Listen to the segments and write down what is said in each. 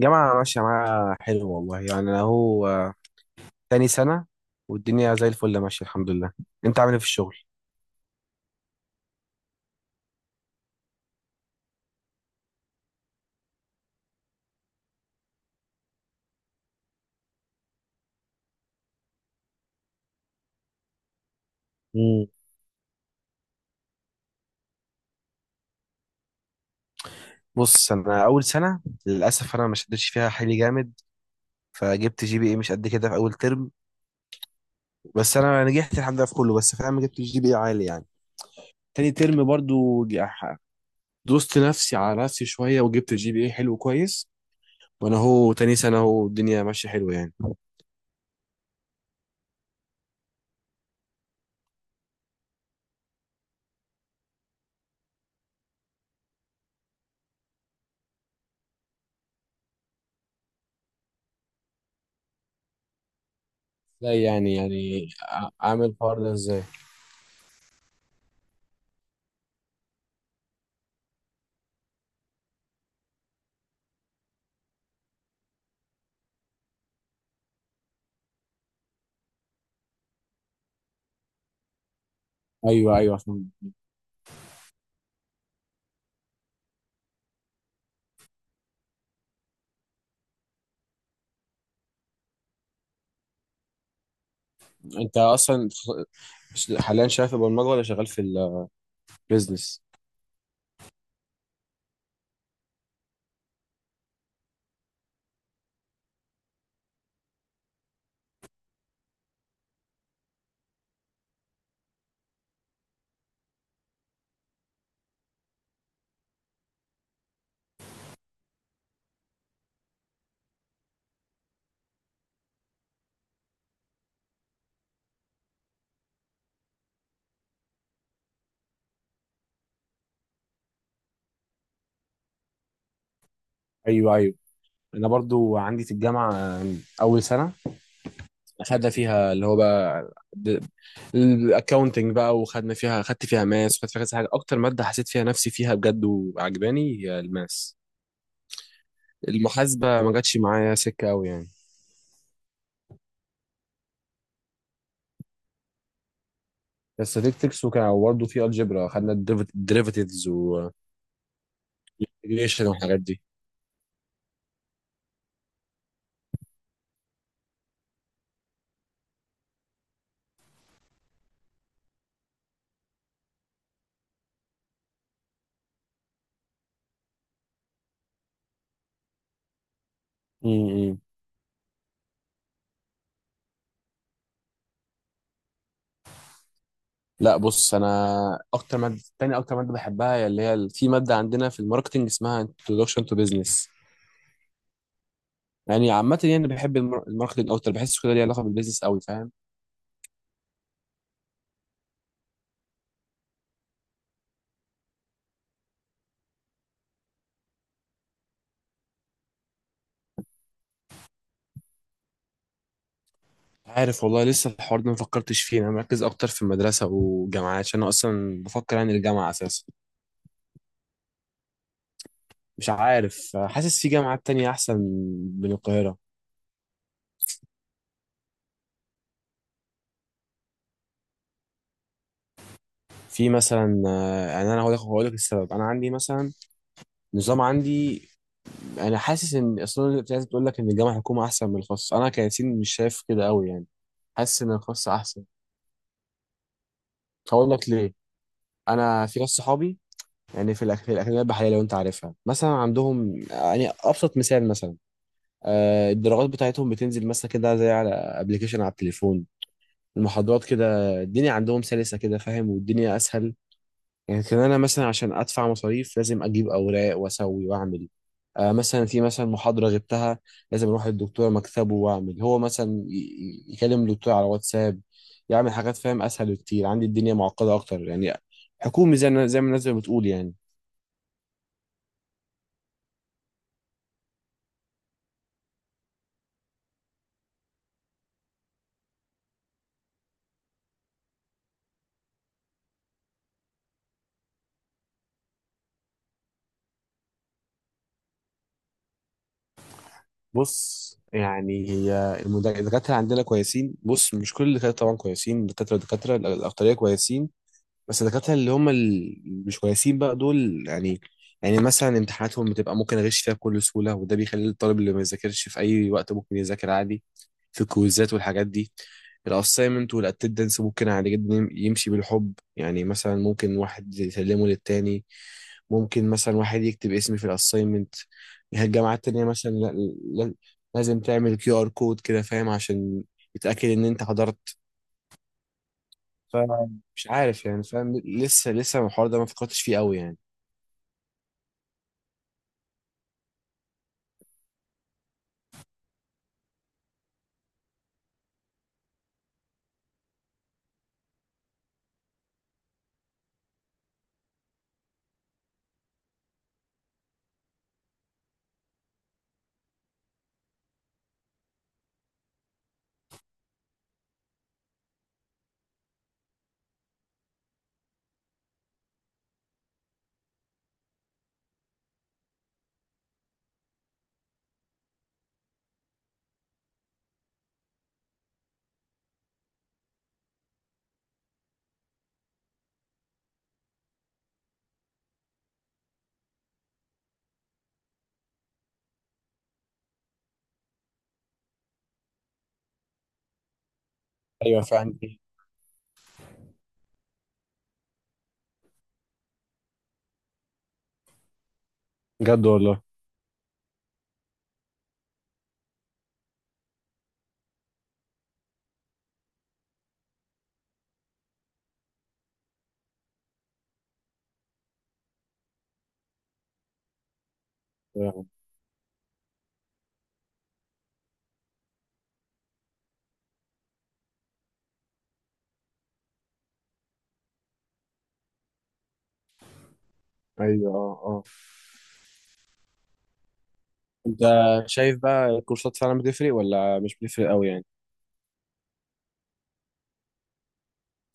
جامعة ماشية معايا حلو والله يعني أنا هو تاني سنة، والدنيا زي الفل ماشية الحمد لله. أنت عامل إيه في الشغل؟ مم. بص أنا أول سنة، للأسف أنا ما شدتش فيها حيلي جامد، فجبت جي بي إيه مش قد كده في أول ترم. بس أنا نجحت الحمد لله في كله، بس فاهم جبت جي بي إيه عالي يعني. تاني ترم برضو دوست نفسي على نفسي شوية وجبت الجي بي اي حلو كويس. وأنا هو تاني سنة، هو الدنيا ماشية حلوة يعني. ازاي يعني عامل الحوار ده ازاي؟ ايوه ايوه. انت اصلا حاليا شغال في البرمجه ولا شغال في البيزنس؟ ايوه ايوه. انا برضو عندي في الجامعه اول سنه، خدنا فيها اللي هو بقى الاكونتنج بقى، وخدنا فيها خدت فيها ماس وخدت فيها كذا حاجه. اكتر ماده حسيت فيها نفسي فيها بجد وعجباني هي الماس. المحاسبه ما جاتش معايا سكه قوي يعني. الستاتستكس، وكان برضه في الجبرا خدنا الديريفاتيفز والريليشن والحاجات دي. م. لا بص انا اكتر ماده، تاني اكتر ماده بحبها هي اللي هي في ماده عندنا في الماركتنج اسمها introduction to business. يعني عامه، يعني بحب الماركتنج اكتر، بحس كده ليه علاقه بالبيزنس قوي، فاهم. عارف والله لسه الحوار ده ما فكرتش فيه، انا مركز اكتر في المدرسه والجامعه عشان انا اصلا بفكر يعني الجامعه اساسا. مش عارف، حاسس في جامعات تانية احسن من القاهره. في مثلا يعني انا هقول لك السبب. انا عندي مثلا نظام عندي. انا حاسس ان اصلا الناس بتقول لك ان الجامعه الحكومه احسن من الخاص، انا كياسين مش شايف كده قوي يعني. حاسس ان الخاص احسن. هقول لك ليه. انا في ناس صحابي، يعني في الاكاديميه البحريه لو انت عارفها، مثلا عندهم يعني ابسط مثال مثلا الدرجات بتاعتهم بتنزل مثلا كده زي على ابلكيشن على التليفون، المحاضرات كده، الدنيا عندهم سلسه كده، فاهم، والدنيا اسهل. يمكن انا مثلا عشان ادفع مصاريف لازم اجيب اوراق واسوي واعمل مثلا في مثلا محاضره غبتها، لازم اروح للدكتور مكتبه واعمل هو مثلا يكلم الدكتور على واتساب، يعمل حاجات، فاهم، اسهل بكتير عندي الدنيا معقده اكتر يعني، حكومي زي ما الناس بتقول يعني. بص يعني هي الدكاتره عندنا كويسين، بص مش كل الدكاتره طبعا كويسين، دكاتره الاكتريه كويسين. بس الدكاترة اللي هم مش كويسين بقى دول يعني. يعني مثلا امتحاناتهم بتبقى ممكن اغش فيها بكل سهولة، وده بيخلي الطالب اللي ما يذاكرش في اي وقت ممكن يذاكر عادي، في الكويزات والحاجات دي. الاساينمنت والاتندنس ممكن عادي جدا يمشي بالحب، يعني مثلا ممكن واحد يسلمه للتاني، ممكن مثلا واحد يكتب اسمي في الاساينمنت. الجامعات التانية مثلا لا- لازم تعمل كيو ار كود كده، فاهم، عشان يتأكد ان انت حضرت. فمش عارف يعني، فاهم، لسه الحوار ده ما فكرتش فيه قوي يعني. ايوه فعلا. بجد والله. فعلاً. ايوه اه اه. انت شايف بقى الكورسات فعلا بتفرق ولا مش بتفرق قوي يعني؟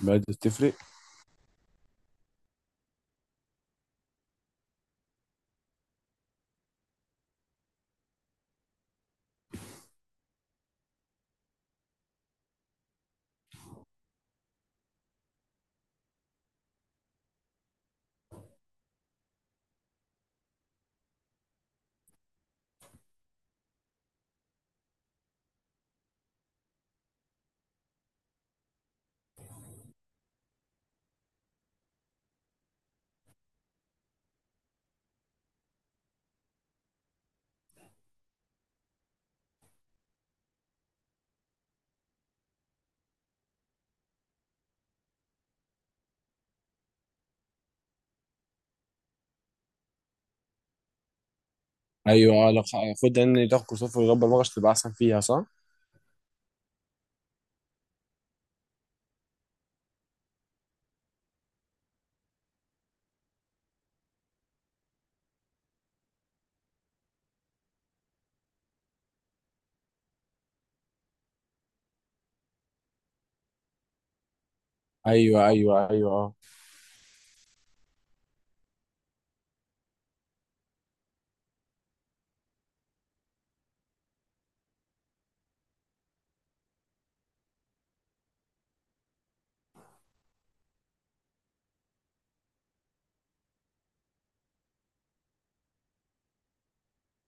بدأت تفرق. ايوه اه، لو خد ان تاخد كورسات في اللغه البرمجه تبقى احسن فيها صح؟ ايوه ايوه ايوه اه.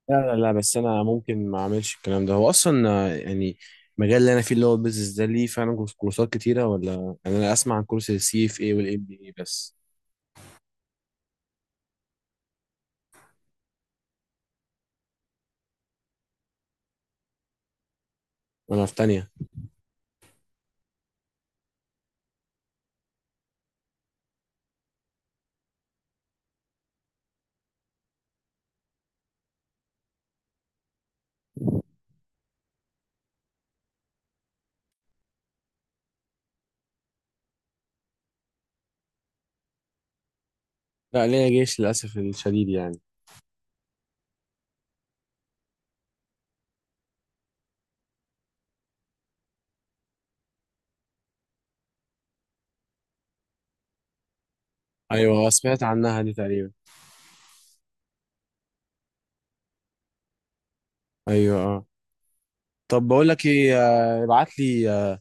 لا لا لا، بس انا ممكن ما اعملش الكلام ده، هو اصلا يعني المجال اللي انا فيه اللي هو البيزنس ده ليه فعلا كورسات كتيره، ولا يعني انا اسمع عن كورس السي اف اي والام بي اي بس؟ وانا في تانية. لا ليا جيش للأسف الشديد يعني. أيوة سمعت عنها دي تقريبا. أيوة اه. طب بقول لك إيه، ابعت لي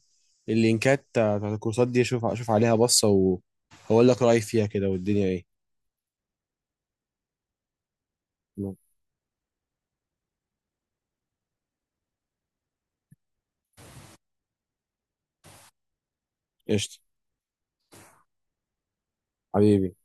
اللينكات بتاعت الكورسات دي، أشوف عليها بصة وأقول لك رأيي فيها كده والدنيا إيه. قشطة. حبيبي.